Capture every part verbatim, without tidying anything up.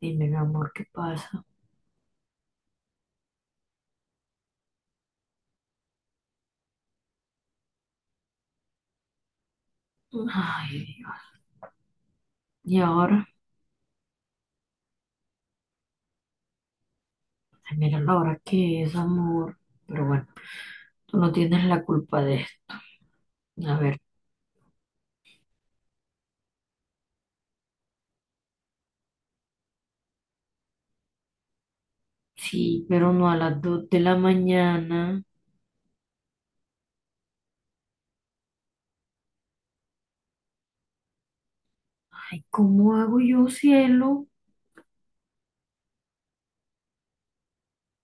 Dime, mi amor, ¿qué pasa? Ay, Dios. y ahora, Ay, mira la hora que es, amor. Pero bueno, tú no tienes la culpa de esto. A ver, sí, pero no a las dos de la mañana. Ay, ¿cómo hago yo, cielo?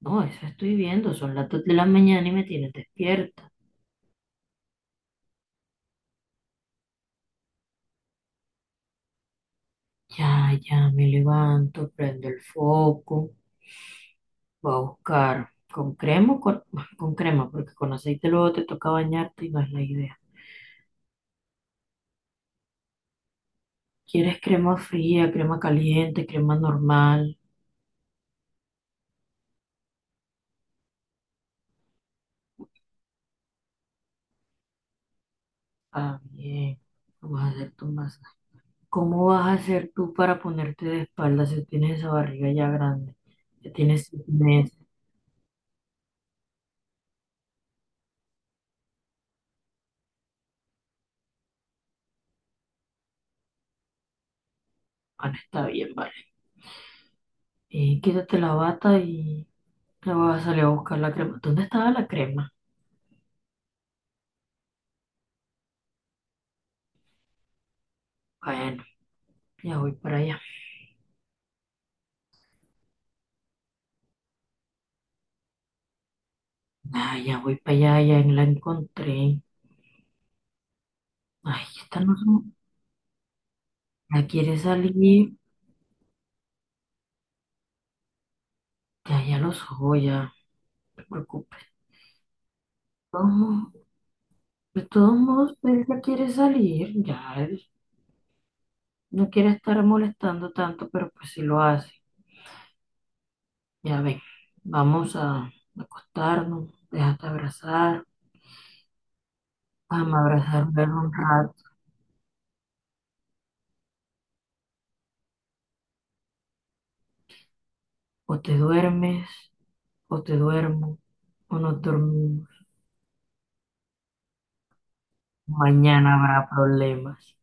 No, eso estoy viendo, son las dos de la mañana y me tienes despierta. Ya, ya, me levanto, prendo el foco, voy a buscar con crema, o con, con crema, porque con aceite luego te toca bañarte y no es la idea. ¿Quieres crema fría, crema caliente, crema normal? Ah, bien. ¿Cómo vas a hacer tu masaje? ¿Cómo vas a hacer tú para ponerte de espalda si tienes esa barriga ya grande? Ya tienes seis meses. Bueno, está bien, vale. Eh, quítate la bata y te vas a salir a buscar la crema. ¿Dónde estaba la crema? Bueno, ya voy para allá. Ah, ya voy para allá, ya la encontré. Ay, esta no se me-. Ya quiere salir. Ya, ya lo soy, ya. No te preocupes. Vamos. De todos modos, pues ya quiere salir, ya él no quiere estar molestando tanto, pero pues si lo hace. Ya ven, vamos a acostarnos, déjate abrazar, vamos a abrazar, un rato. O te duermes, o te duermo, o nos dormimos. Mañana habrá problemas.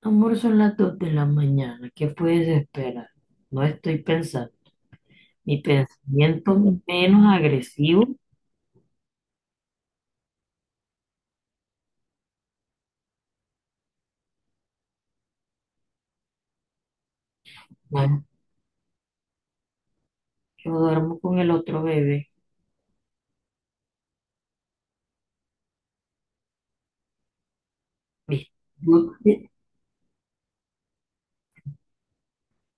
Amor, son las dos de la mañana, ¿qué puedes esperar? No estoy pensando. Mi pensamiento menos agresivo, ya yo duermo con el otro bebé. ¿Viste? Yo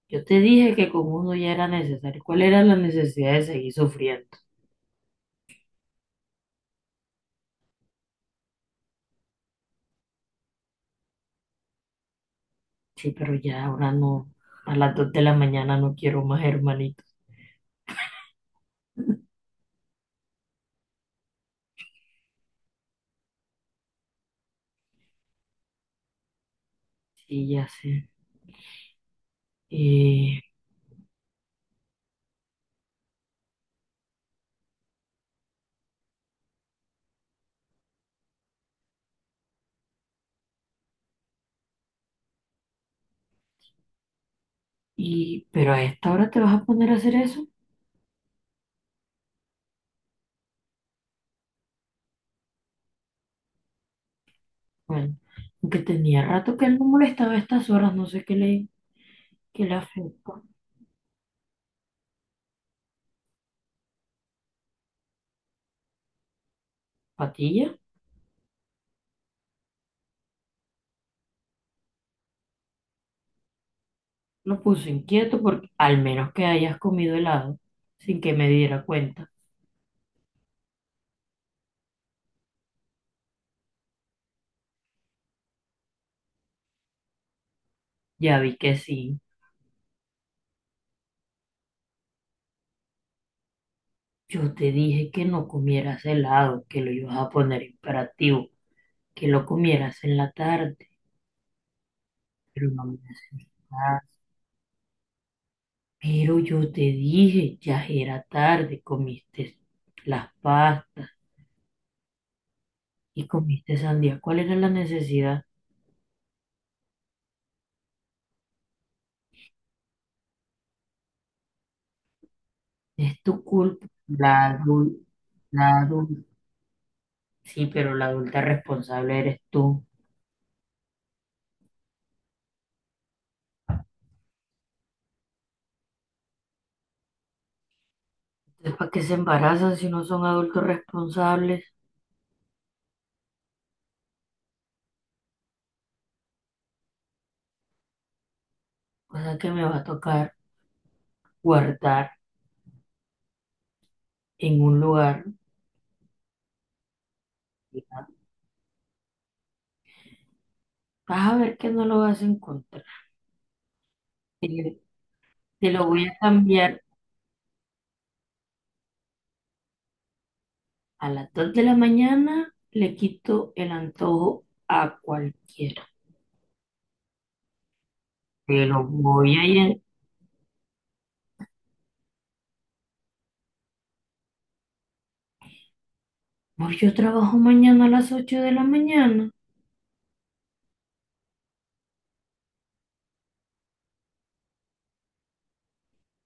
Yo te dije que con uno ya era necesario. ¿Cuál era la necesidad de seguir sufriendo? Sí, pero ya ahora no. A las dos de la mañana no quiero más hermanitos. Sí, ya sé. Eh, y, pero a esta hora te vas a poner a hacer eso. Bueno, aunque tenía rato que él no molestaba a estas horas, no sé qué le, qué le afectó. Patilla lo puso inquieto porque al menos que hayas comido helado sin que me diera cuenta. Ya vi que sí. Yo te dije que no comieras helado, que lo ibas a poner imperativo, que lo comieras en la tarde, pero no me haces caso. Pero yo te dije, ya era tarde, comiste las pastas y comiste sandía. ¿Cuál era la necesidad? Es tu culpa. La adulta, la adulta, sí, pero la adulta responsable eres tú. Entonces, ¿para qué se embarazan si no son adultos responsables? Cosa que me va a tocar guardar en un lugar. Vas a ver que no lo vas a encontrar. Te, te lo voy a cambiar a las dos de la mañana. Le quito el antojo a cualquiera. Te lo voy a ir. Pues yo trabajo mañana a las ocho de la mañana.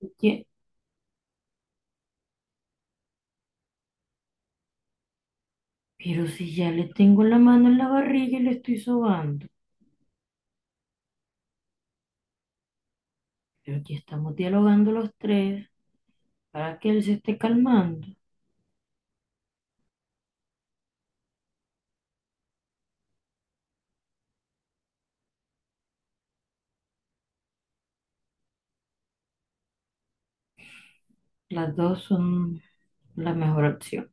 Oye, pero si ya le tengo la mano en la barriga y le estoy sobando. Pero aquí estamos dialogando los tres para que él se esté calmando. Las dos son la mejor opción.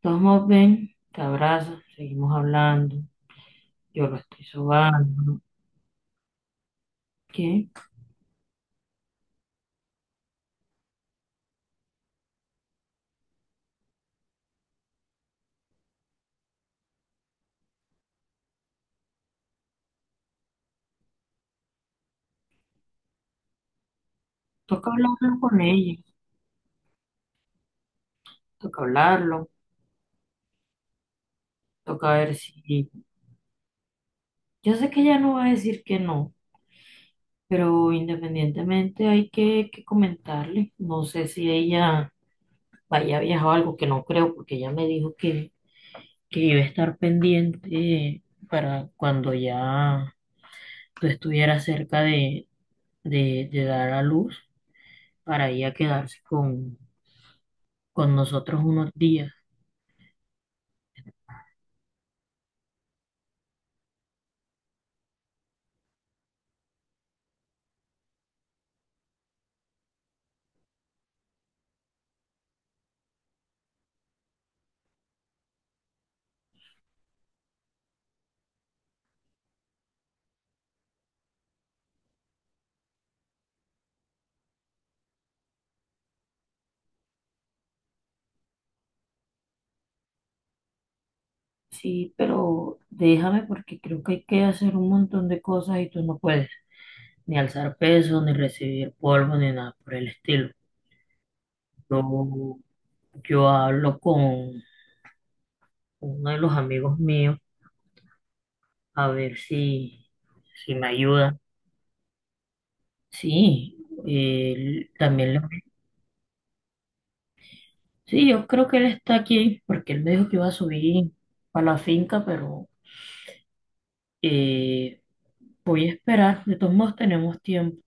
Todos modos, ven, te abrazo, seguimos hablando. Yo lo estoy sobando. ¿Qué? Toca hablarlo con ella, toca hablarlo, toca ver si... Yo sé que ella no va a decir que no, pero independientemente hay que, que comentarle. No sé si ella vaya a viajar o algo, que no creo, porque ella me dijo que, que iba a estar pendiente para cuando ya tú estuvieras cerca de, de, de dar a luz, para ir a quedarse con, con nosotros unos días. Sí, pero déjame porque creo que hay que hacer un montón de cosas y tú no puedes ni alzar peso, ni recibir polvo, ni nada por el estilo. Yo, yo hablo con uno de los amigos míos a ver si, si me ayuda. Sí, él también le... Sí, yo creo que él está aquí porque él me dijo que iba a subir para la finca, pero eh, voy a esperar. De todos modos tenemos tiempo.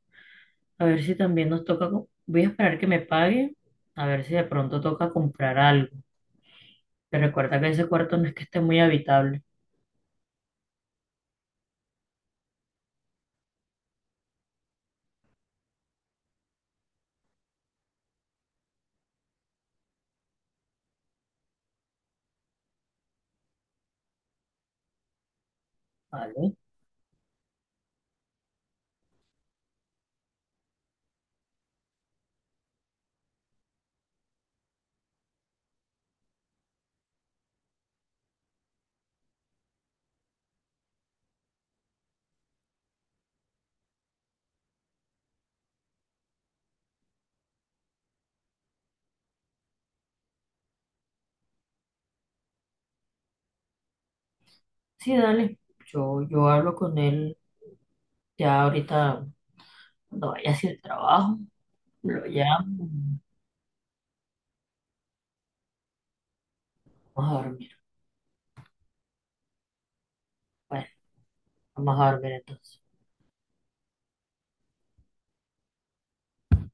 A ver si también nos toca, co- voy a esperar que me pague, a ver si de pronto toca comprar algo. Te recuerda que ese cuarto no es que esté muy habitable, ¿vale? Sí, dale. Yo, yo hablo con él ya ahorita cuando vaya hacia el trabajo, lo llamo, vamos a dormir. Bueno, vamos a dormir entonces.